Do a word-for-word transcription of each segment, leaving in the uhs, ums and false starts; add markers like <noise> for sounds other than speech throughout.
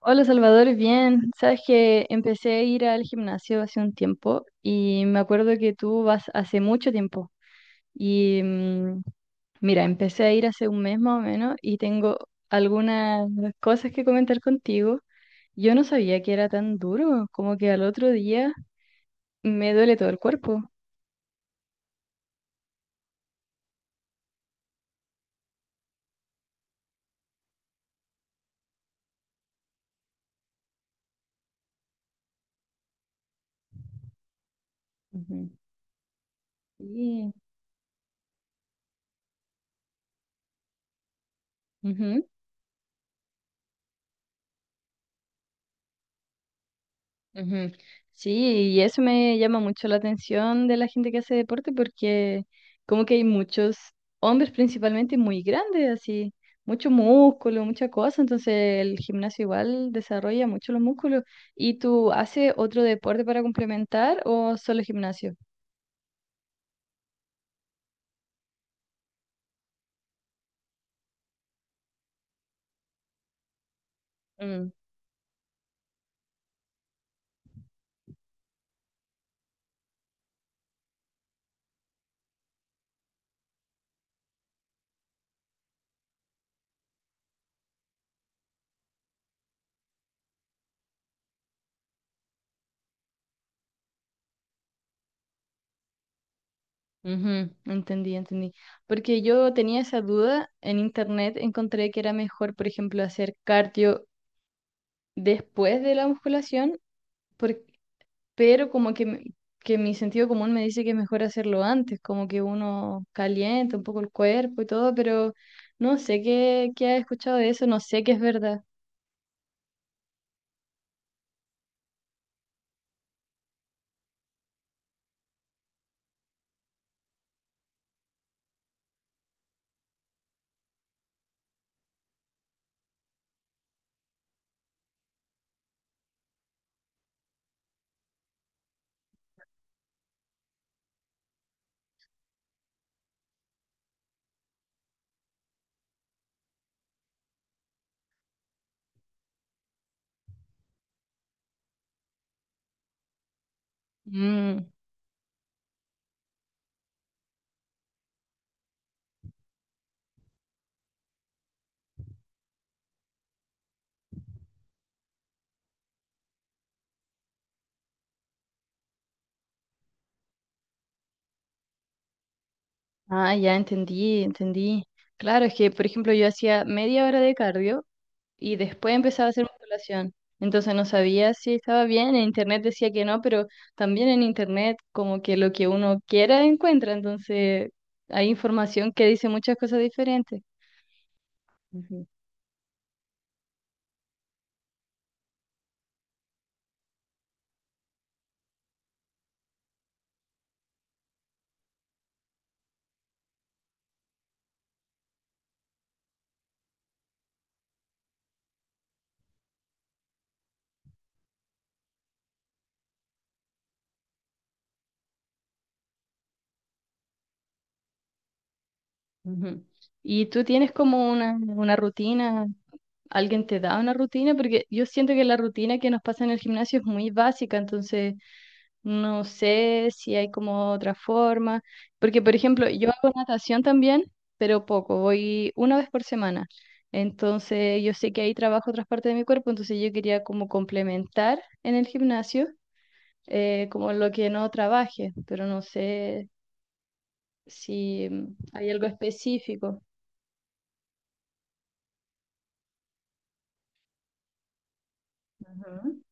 Hola Salvador, bien. Sabes que empecé a ir al gimnasio hace un tiempo y me acuerdo que tú vas hace mucho tiempo. Y mm, mira, empecé a ir hace un mes más o menos y tengo algunas cosas que comentar contigo. Yo no sabía que era tan duro, como que al otro día me duele todo el cuerpo. Ujú. Sí. Ujú. Ujú. Sí, y eso me llama mucho la atención de la gente que hace deporte porque como que hay muchos hombres principalmente muy grandes, así, mucho músculo, mucha cosa, entonces el gimnasio igual desarrolla mucho los músculos. ¿Y tú haces otro deporte para complementar o solo gimnasio? Mm. Ujú. Entendí, entendí. Porque yo tenía esa duda, en internet encontré que era mejor, por ejemplo, hacer cardio después de la musculación, por- pero como que, me- que mi sentido común me dice que es mejor hacerlo antes, como que uno calienta un poco el cuerpo y todo, pero no sé qué, qué ha escuchado de eso, no sé qué es verdad. Mm. Ah, ya entendí, entendí. Claro, es que, por ejemplo, yo hacía media hora de cardio y después empezaba a hacer musculación. Entonces no sabía si estaba bien, en internet decía que no, pero también en internet como que lo que uno quiera encuentra, entonces hay información que dice muchas cosas diferentes. Ujú. ¿Y tú tienes como una, una rutina? ¿Alguien te da una rutina? Porque yo siento que la rutina que nos pasa en el gimnasio es muy básica, entonces no sé si hay como otra forma. Porque, por ejemplo, yo hago natación también, pero poco, voy una vez por semana. Entonces yo sé que ahí trabajo otras partes de mi cuerpo, entonces yo quería como complementar en el gimnasio eh, como lo que no trabaje, pero no sé si mm, hay algo específico. Ujú,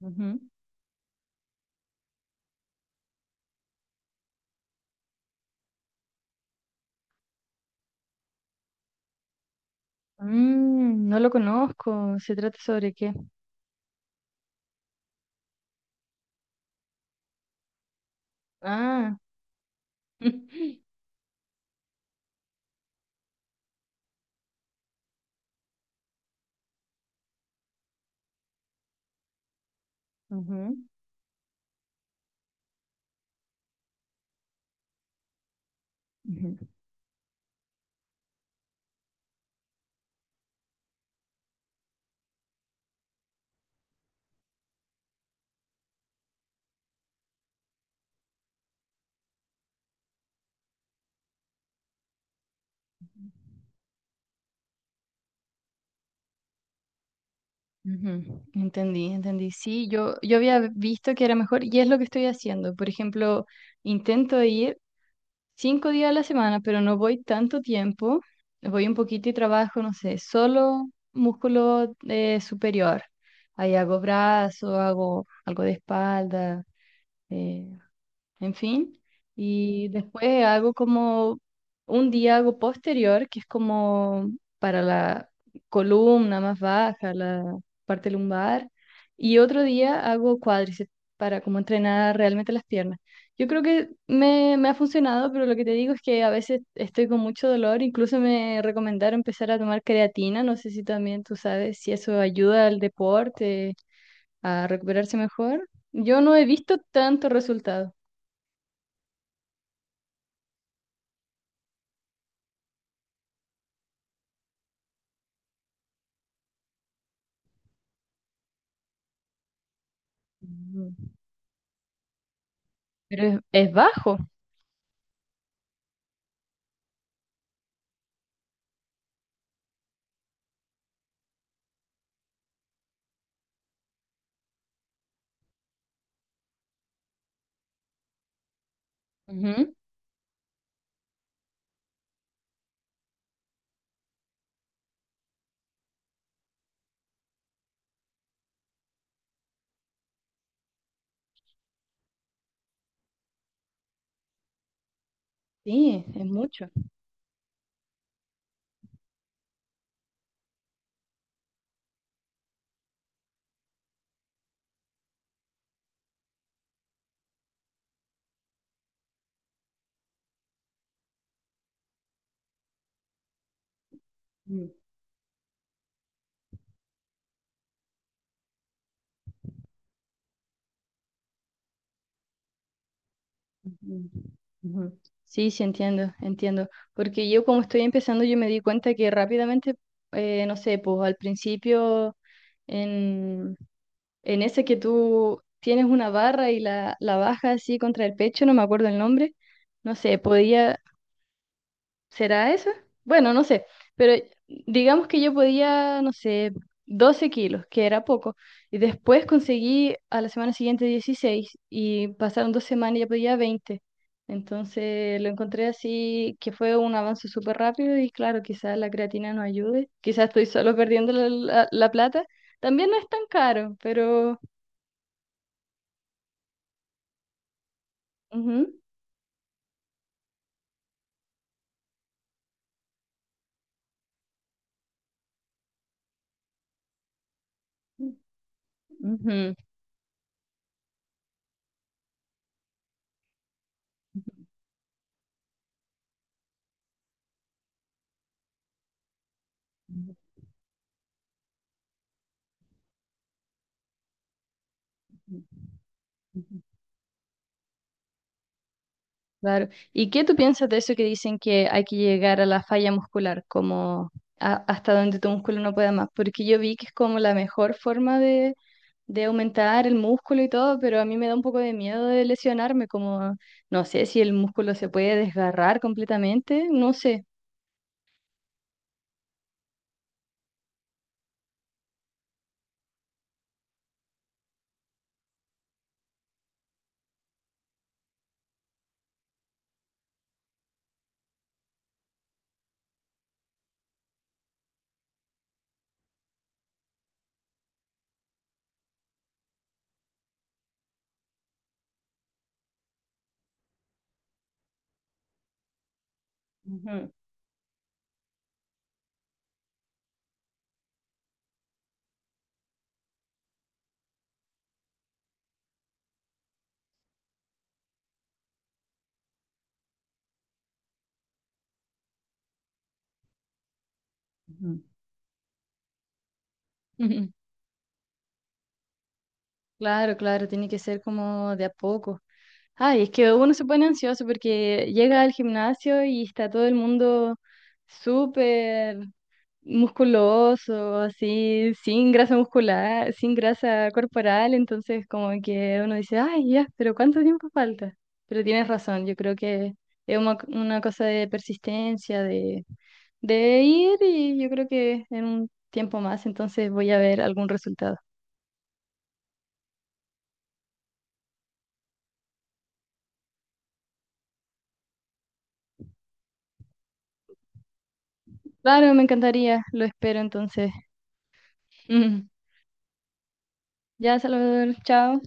ujú. Mm, no lo conozco. ¿Se trata sobre qué? Ah. <laughs> Ujú, ujú, ujú. Entendí, entendí. Sí, yo, yo había visto que era mejor y es lo que estoy haciendo. Por ejemplo, intento ir cinco días a la semana, pero no voy tanto tiempo. Voy un poquito y trabajo, no sé, solo músculo eh, superior. Ahí hago brazo, hago algo de espalda, eh, en fin. Y después hago como un día hago posterior, que es como para la columna más baja, la parte lumbar, y otro día hago cuádriceps para como entrenar realmente las piernas. Yo creo que me, me ha funcionado, pero lo que te digo es que a veces estoy con mucho dolor, incluso me recomendaron empezar a tomar creatina, no sé si también tú sabes si eso ayuda al deporte a recuperarse mejor. Yo no he visto tanto resultado. Mm. Pero es, es bajo. Ujú. Sí, es mucho. Mm. Ujú. Ujú. Sí, sí, entiendo, entiendo. Porque yo como estoy empezando, yo me di cuenta que rápidamente, eh, no sé, pues al principio, en, en ese que tú tienes una barra y la, la bajas así contra el pecho, no me acuerdo el nombre, no sé, podía. ¿Será eso? Bueno, no sé, pero digamos que yo podía, no sé, doce kilos, que era poco, y después conseguí a la semana siguiente dieciséis y pasaron dos semanas y ya podía veinte. Entonces lo encontré así, que fue un avance súper rápido y claro, quizás la creatina no ayude, quizás estoy solo perdiendo la, la- la plata. También no es tan caro, pero. Ujú. Ujú. Claro. ¿Y qué tú piensas de eso que dicen que hay que llegar a la falla muscular, como a- hasta donde tu músculo no pueda más? Porque yo vi que es como la mejor forma de, de aumentar el músculo y todo, pero a mí me da un poco de miedo de lesionarme, como no sé si el músculo se puede desgarrar completamente, no sé. Ujú, ujú. Ujú. Claro, claro, tiene que ser como de a poco. Ay, es que uno se pone ansioso porque llega al gimnasio y está todo el mundo súper musculoso, así, sin grasa muscular, sin grasa corporal, entonces como que uno dice, ay, ya, pero ¿cuánto tiempo falta? Pero tienes razón, yo creo que es una, una cosa de persistencia, de, de ir y yo creo que en un tiempo más, entonces voy a ver algún resultado. Claro, me encantaría, lo espero entonces. <laughs> Ya, Salvador, chao.